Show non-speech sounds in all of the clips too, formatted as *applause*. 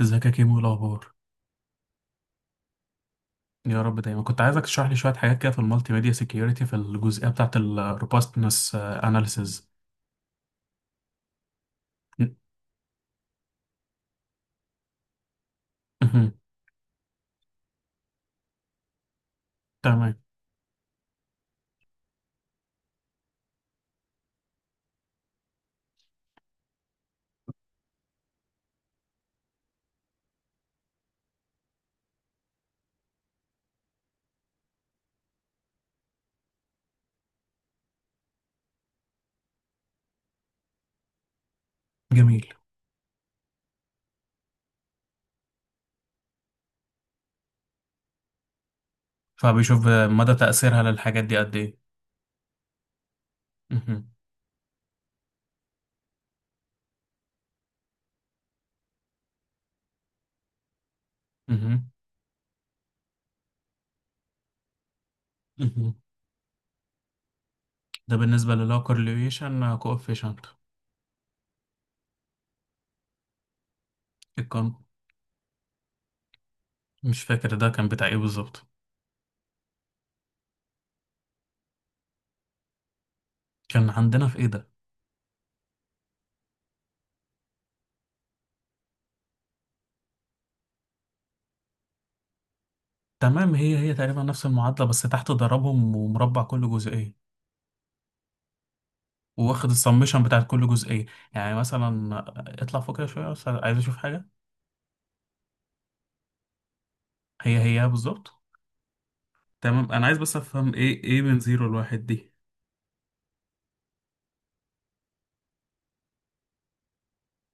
ازيك يا كيمو؟ إيه الاخبار؟ يا رب دايما. كنت عايزك تشرح لي شويه حاجات كده في المالتي ميديا سيكيورتي، في الجزئيه بتاعه الروبستنس اناليسز. تمام. جميل. فبيشوف مدى تاثيرها للحاجات دي قد ايه؟ مهم. مهم. مهم. ده بالنسبه للو كورليشن كوفيشنت. الكون، مش فاكر ده كان بتاع ايه بالظبط. كان عندنا في ايه ده؟ تمام، هي هي تقريبا نفس المعادله، بس تحت ضربهم ومربع كل جزئيه، واخد السمشن بتاعت كل جزئية. يعني مثلا اطلع فوق كده شوية، بس عايز اشوف حاجة. هي هي بالظبط. تمام، انا عايز بس افهم ايه من زيرو لواحد دي.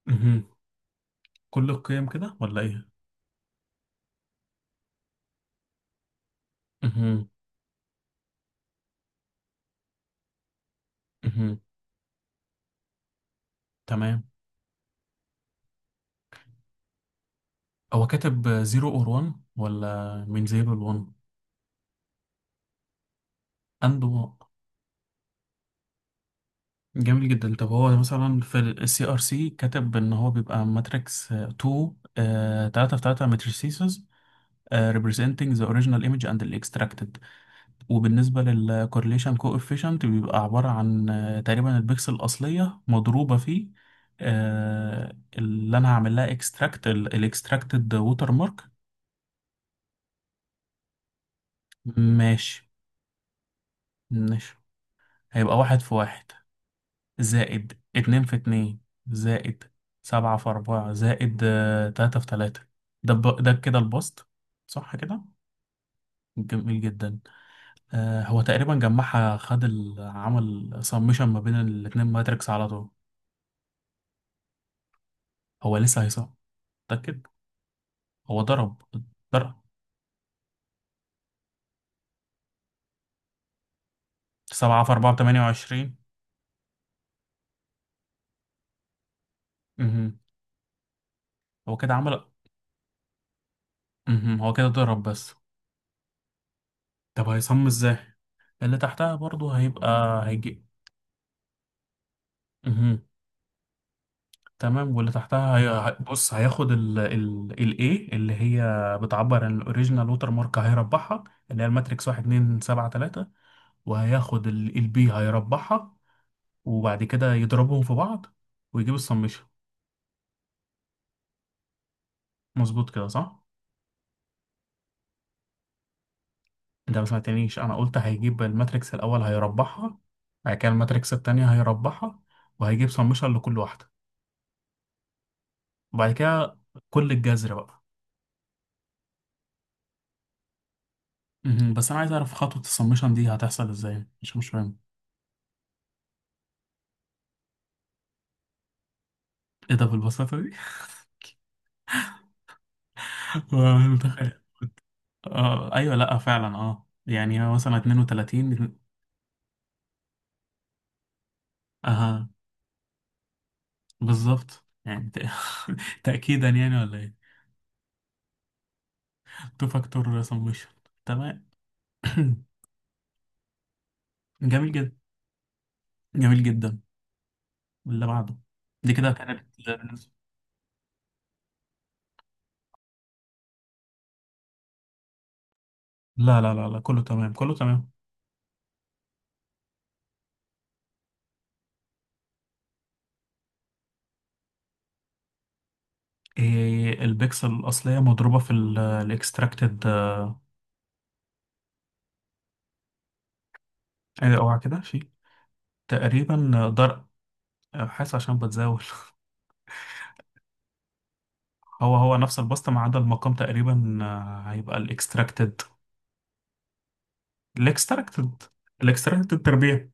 مهم. كل القيم كده ولا ايه؟ مهم. مهم. تمام. هو كاتب زيرو اور وان ولا من زيرو لوان؟ عنده. جميل جدا. طب هو مثلا في السي ار سي كاتب ان هو بيبقى ماتريكس 2، 3 في 3 ماتريسيز، representing the original image and the extracted. وبالنسبة للكورليشن كوفيشنت بيبقى عبارة عن تقريبا البكسل الأصلية مضروبة في اللي أنا هعمل لها اكستراكت، الاكستراكتد ووتر مارك. ماشي. ماشي. هيبقى واحد في واحد، زائد اتنين في اتنين، زائد سبعة في أربعة، زائد تلاتة في تلاتة. ده كده البسط. صح كده؟ جميل جدا. هو تقريبا جمعها، عمل سمشن ما بين الاتنين ماتريكس على طول. هو لسه هيصح؟ متأكد؟ هو ضرب. ضرب. سبعة في أربعة بتمانية وعشرين. مهم. هو كده عمل. مهم. هو كده ضرب بس. طب هيصم ازاي؟ اللي تحتها برضو هيبقى. هيجي. مهم. تمام، واللي تحتها بص، هياخد ال A اللي هي بتعبر عن الاوريجينال ووتر مارك، هيربحها، اللي هي الماتريكس واحد اتنين سبعة تلاتة، وهياخد ال B، هيربحها، وبعد كده يضربهم في بعض، ويجيب السمشن. مظبوط كده صح؟ انت ما سمعتنيش. انا قلت هيجيب الماتريكس الاول، هيربعها، بعد كده الماتريكس التانية هيربعها، وهيجيب سمشن لكل واحدة، وبعد كده كل الجذر بقى. مهم. بس انا عايز اعرف خطوة السمشن دي هتحصل ازاي، مش فاهم. ايه ده بالبساطة دي؟ *laughs* وأنا متخيل. اه ايوه، لا فعلا اه، يعني هو مثلا 32. اه بالظبط يعني *laughs* تأكيدا يعني ولا ايه؟ تو فاكتور سمشن. تمام. *clears throat* جميل جدا. جميل جدا. اللي بعده. دي كده كانت. لا لا لا لا، كله تمام، كله تمام. إيه؟ البكسل الأصلية مضروبة في الاكستراكتد. اوعى كده، في تقريبا ضرب. حاسس عشان بتزاول. *laughs* هو هو نفس البسطة، ما عدا المقام تقريبا. هيبقى الاكستراكتد. الاكستراكتد. الاكستراكتد تربيع.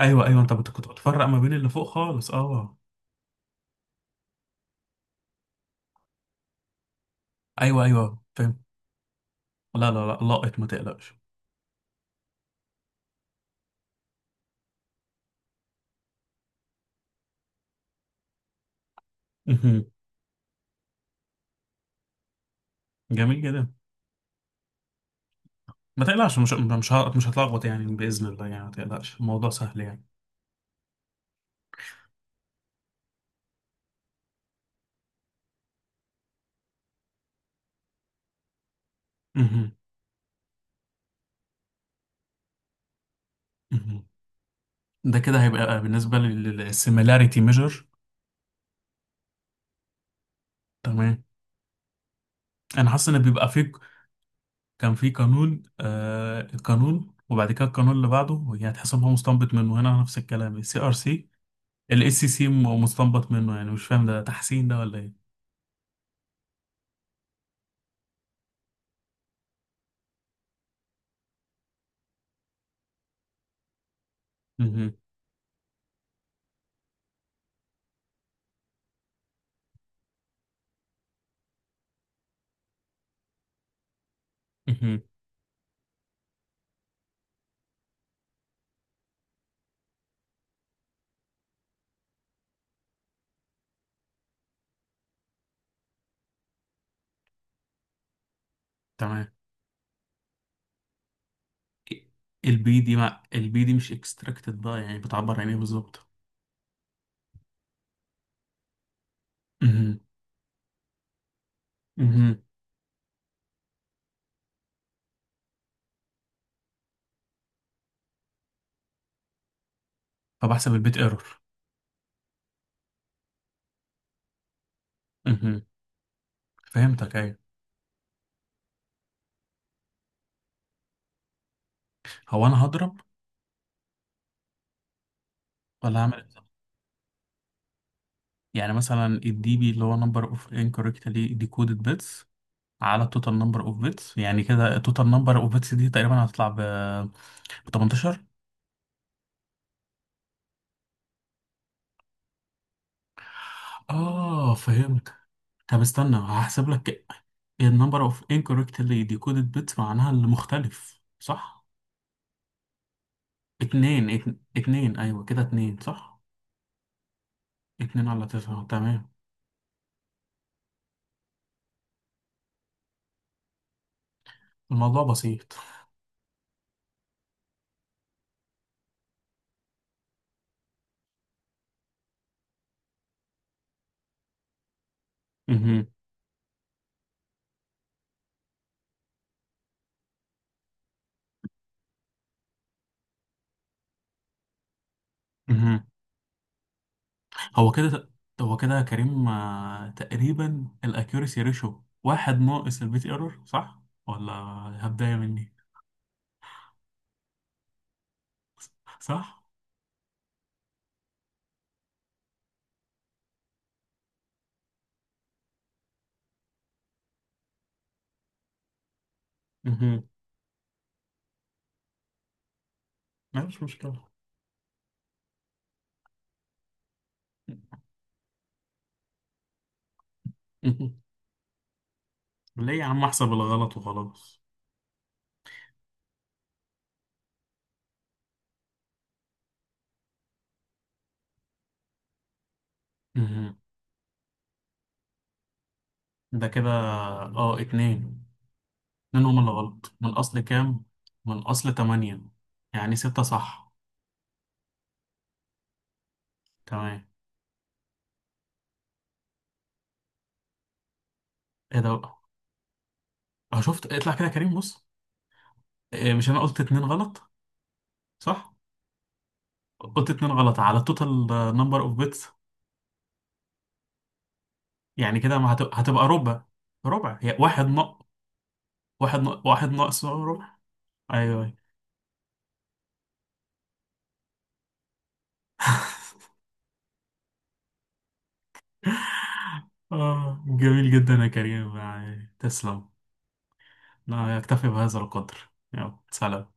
ايوه ايوه، كنت بتفرق ما بين اللي فوق خالص، اه. ايوه ايوه فاهم. لا لا لا، لاقط، ما تقلقش. مهم. جميل جدا. ما تقلقش. مش هتلخبط يعني بإذن الله، يعني ما تقلقش، الموضوع سهل يعني. مهم. مهم. ده كده هيبقى بالنسبة للسيميلاريتي ميجر. تمام. انا حاسس ان بيبقى في، كان في قانون، آه، القانون وبعد كده القانون اللي بعده، وهي هتحس ان هو مستنبط منه، هنا نفس الكلام. السي ار سي الاس سي سي مستنبط منه، يعني مش فاهم ده تحسين ده ولا ايه؟ مهم. مهم. تمام. البي دي مع البي دي مش اكستراكتد بقى، يعني بتعبر عن ايه بالظبط؟ مهم. مهم. فبحسب البيت ايرور. مهم. فهمتك، ايوه. هو انا هضرب ولا هعمل إيه؟ يعني مثلا الدي بي اللي هو نمبر اوف انكوركتلي ديكودد بيتس على التوتال نمبر اوف بيتس. يعني كده التوتال نمبر اوف بيتس دي تقريبا هتطلع ب 18. اه فهمت. طب استنى هحسب لك. النمبر اوف انكوركتلي ديكودد بيتس معناها اللي مختلف صح؟ اتنين، اتنين، ايوه كده، اتنين صح؟ اتنين على تسعة. تمام. الموضوع بسيط. مهم. مهم. هو كده، هو كده كريم، تقريبا الاكيوريسي ريشو واحد ناقص البيت ايرور، صح ولا؟ هبدايه مني صح. مهم. لا مش مشكله. مهم. ليه يا عم؟ احسب الغلط وخلاص. مهم. ده كده اه اتنين. اتنين هما اللي غلط. من اصل كام؟ من اصل تمانية. يعني ستة صح. تمام. ايه ده بقى؟ اه شفت. اطلع كده يا كريم بص. إيه؟ مش انا قلت اتنين غلط؟ صح؟ قلت اتنين غلط على التوتال نمبر اوف بيتس. يعني كده ما هت- هتبقى ربع. ربع، هي واحد ناقص ربع. ايوه أيوة. اه جميل جدا يا كريم، يعني تسلم. لا يكتفي بهذا القدر، يلا سلام.